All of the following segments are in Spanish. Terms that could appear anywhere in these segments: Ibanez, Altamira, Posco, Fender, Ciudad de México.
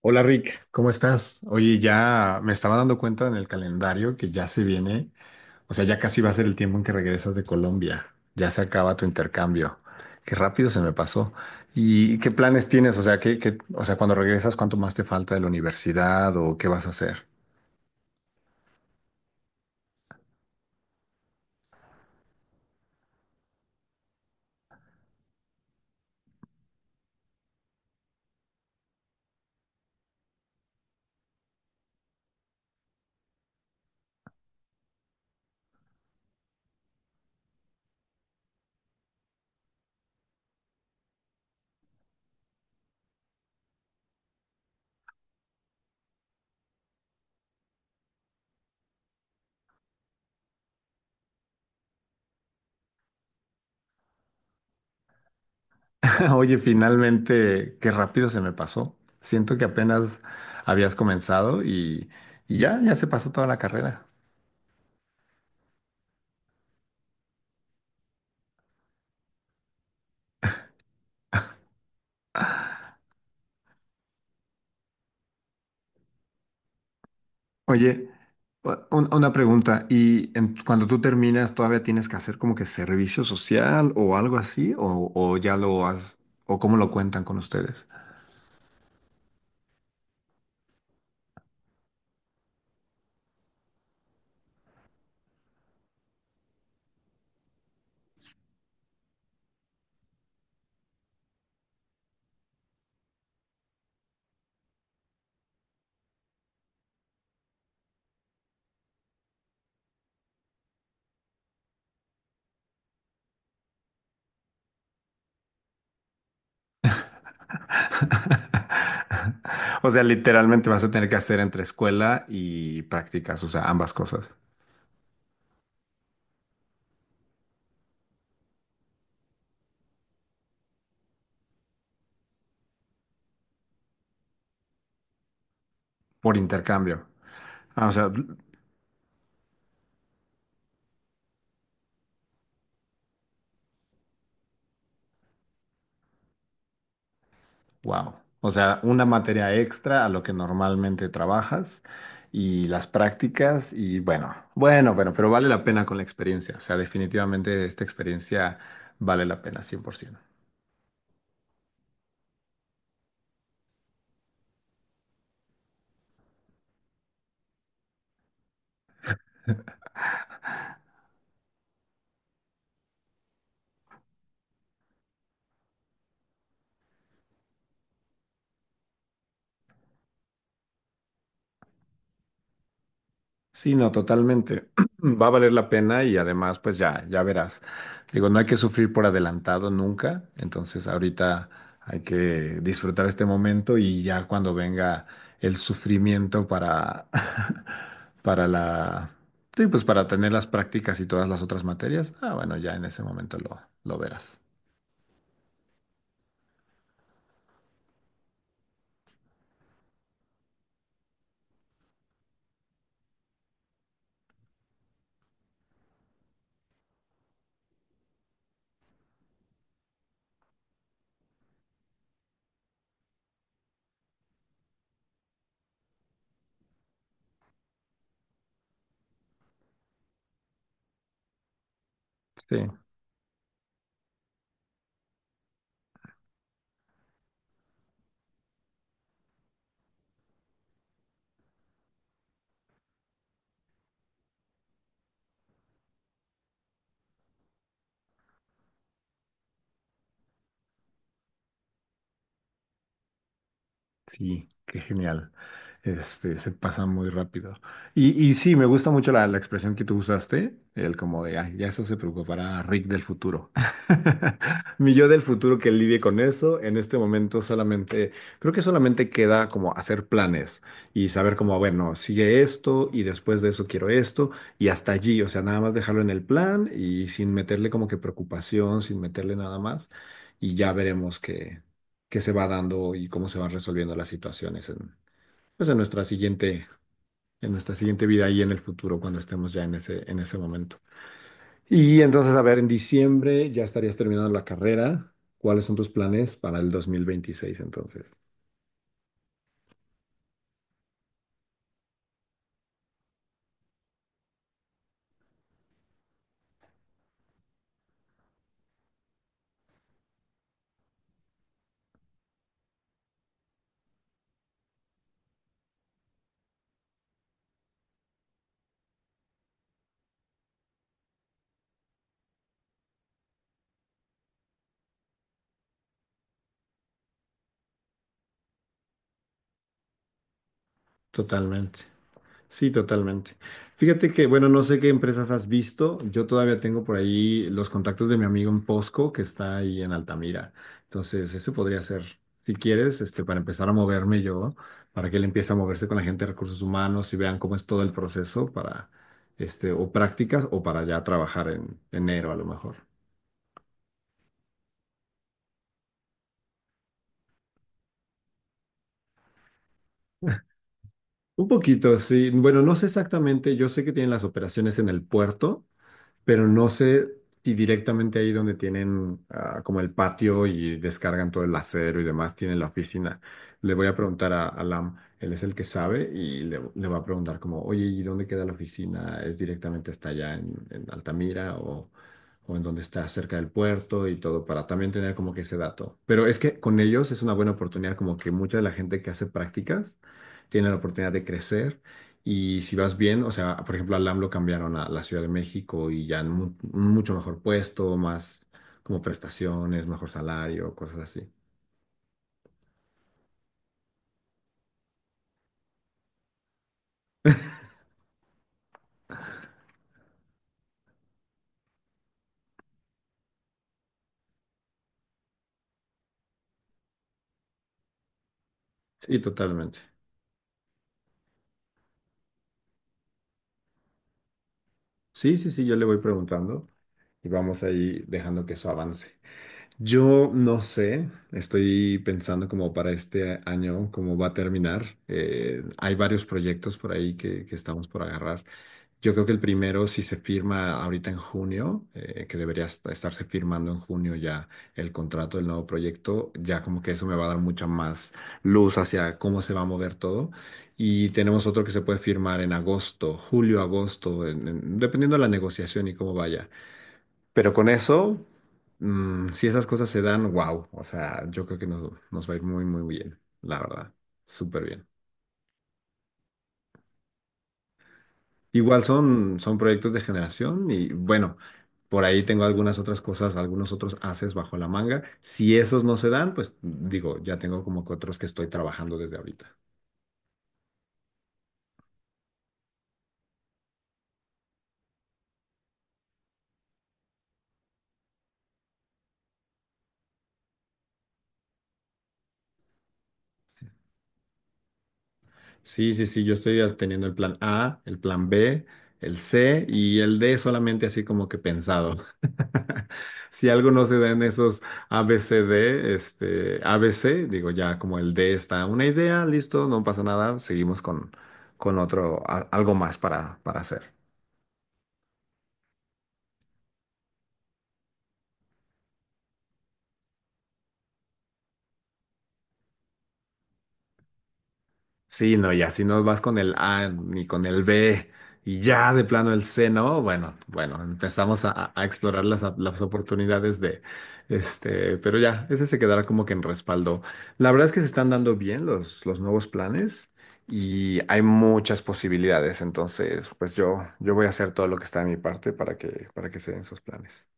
Hola Rick, ¿cómo estás? Oye, ya me estaba dando cuenta en el calendario que ya se viene, o sea, ya casi va a ser el tiempo en que regresas de Colombia, ya se acaba tu intercambio. Qué rápido se me pasó. ¿Y qué planes tienes? O sea, cuando regresas, ¿cuánto más te falta de la universidad o qué vas a hacer? Oye, finalmente, qué rápido se me pasó. Siento que apenas habías comenzado y ya, ya se pasó toda la carrera. Oye, una pregunta, ¿y cuando tú terminas todavía tienes que hacer como que servicio social o algo así? O ya lo has, o cómo lo cuentan con ustedes? O sea, literalmente vas a tener que hacer entre escuela y prácticas, o sea, ambas cosas, por intercambio. Ah, o sea, wow. O sea, una materia extra a lo que normalmente trabajas y las prácticas y bueno, bueno, bueno, pero vale la pena con la experiencia. O sea, definitivamente esta experiencia vale la pena 100%. Sí, no, totalmente. Va a valer la pena y además, pues ya, ya verás. Digo, no hay que sufrir por adelantado nunca. Entonces, ahorita hay que disfrutar este momento y ya cuando venga el sufrimiento para, para sí, pues para tener las prácticas y todas las otras materias, ah, bueno, ya en ese momento lo verás. Sí. Sí, qué genial. Este, se pasa muy rápido. Y sí, me gusta mucho la expresión que tú usaste, el como de, "Ay, ya eso se preocupará Rick del futuro. Mi yo del futuro que lidie con eso". En este momento solamente, creo que solamente queda como hacer planes y saber como, bueno, sigue esto y después de eso quiero esto y hasta allí, o sea, nada más dejarlo en el plan y sin meterle como que preocupación, sin meterle nada más y ya veremos que se va dando y cómo se van resolviendo las situaciones en, pues en nuestra siguiente vida y en el futuro cuando estemos ya en ese momento. Y entonces, a ver, en diciembre ya estarías terminando la carrera. ¿Cuáles son tus planes para el dos mil veintiséis entonces? Totalmente. Sí, totalmente. Fíjate que, bueno, no sé qué empresas has visto. Yo todavía tengo por ahí los contactos de mi amigo en Posco, que está ahí en Altamira. Entonces, eso podría ser, si quieres, este, para empezar a moverme yo, para que él empiece a moverse con la gente de recursos humanos y vean cómo es todo el proceso para, este, o prácticas o para ya trabajar en enero a lo mejor. Un poquito, sí. Bueno, no sé exactamente. Yo sé que tienen las operaciones en el puerto, pero no sé si directamente ahí donde tienen ah, como el patio y descargan todo el acero y demás, tienen la oficina. Le voy a preguntar a Lam, él es el que sabe y le va a preguntar como, oye, ¿y dónde queda la oficina? ¿Es directamente hasta allá en Altamira o en donde está cerca del puerto y todo para también tener como que ese dato? Pero es que con ellos es una buena oportunidad, como que mucha de la gente que hace prácticas tiene la oportunidad de crecer y si vas bien, o sea, por ejemplo, al LAM lo cambiaron a la Ciudad de México y ya en un mucho mejor puesto, más como prestaciones, mejor salario, cosas así. Sí, totalmente. Sí, sí, sí, yo le voy preguntando y vamos ahí dejando que eso avance. Yo no sé, estoy pensando como para este año, cómo va a terminar. Hay varios proyectos por ahí que estamos por agarrar. Yo creo que el primero, si se firma ahorita en junio, que debería estarse firmando en junio ya el contrato del nuevo proyecto, ya como que eso me va a dar mucha más luz hacia cómo se va a mover todo. Y tenemos otro que se puede firmar en agosto, julio, agosto, dependiendo de la negociación y cómo vaya. Pero con eso, si esas cosas se dan, wow, o sea, yo creo que nos va a ir muy, muy bien, la verdad, súper bien. Igual son, son proyectos de generación y bueno, por ahí tengo algunas otras cosas, algunos otros haces bajo la manga. Si esos no se dan, pues digo, ya tengo como que otros que estoy trabajando desde ahorita. Sí, sí, sí, yo estoy teniendo el plan A, el plan B, el C y el D solamente así como que pensado. Si algo no se da en esos A B C D este, A B C digo ya como el D está una idea, listo, no pasa nada, seguimos con otro, algo más para hacer. Sí, no, ya si no vas con el A ni con el B y ya de plano el C, ¿no? Bueno, bueno, empezamos a, a explorar las oportunidades de este, pero ya, ese se quedará como que en respaldo. La verdad es que se están dando bien los nuevos planes y hay muchas posibilidades, entonces, pues yo voy a hacer todo lo que está de mi parte para que se den esos planes.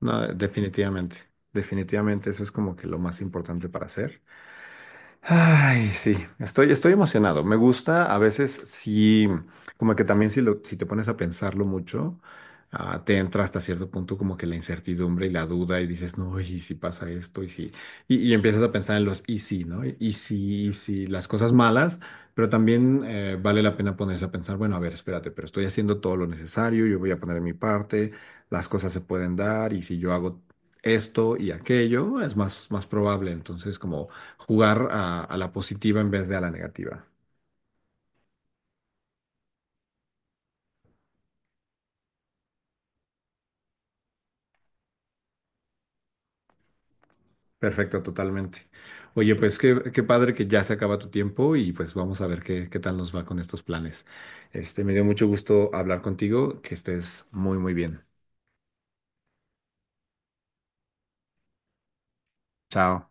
No, definitivamente, definitivamente eso es como que lo más importante para hacer. Ay, sí, estoy, estoy emocionado. Me gusta, a veces sí, como que también si, lo, si te pones a pensarlo mucho, ah, te entra hasta cierto punto como que la incertidumbre y la duda y dices, no, y si pasa esto, y si, y empiezas a pensar en los y si, ¿no? Y si, las cosas malas, pero también vale la pena ponerse a pensar, bueno, a ver, espérate, pero estoy haciendo todo lo necesario, yo voy a poner mi parte, las cosas se pueden dar, y si yo hago esto y aquello, es más, más probable. Entonces, como jugar a la positiva en vez de a la negativa. Perfecto, totalmente. Oye, pues qué padre que ya se acaba tu tiempo y pues vamos a ver qué tal nos va con estos planes. Este, me dio mucho gusto hablar contigo, que estés muy, muy bien. Chao.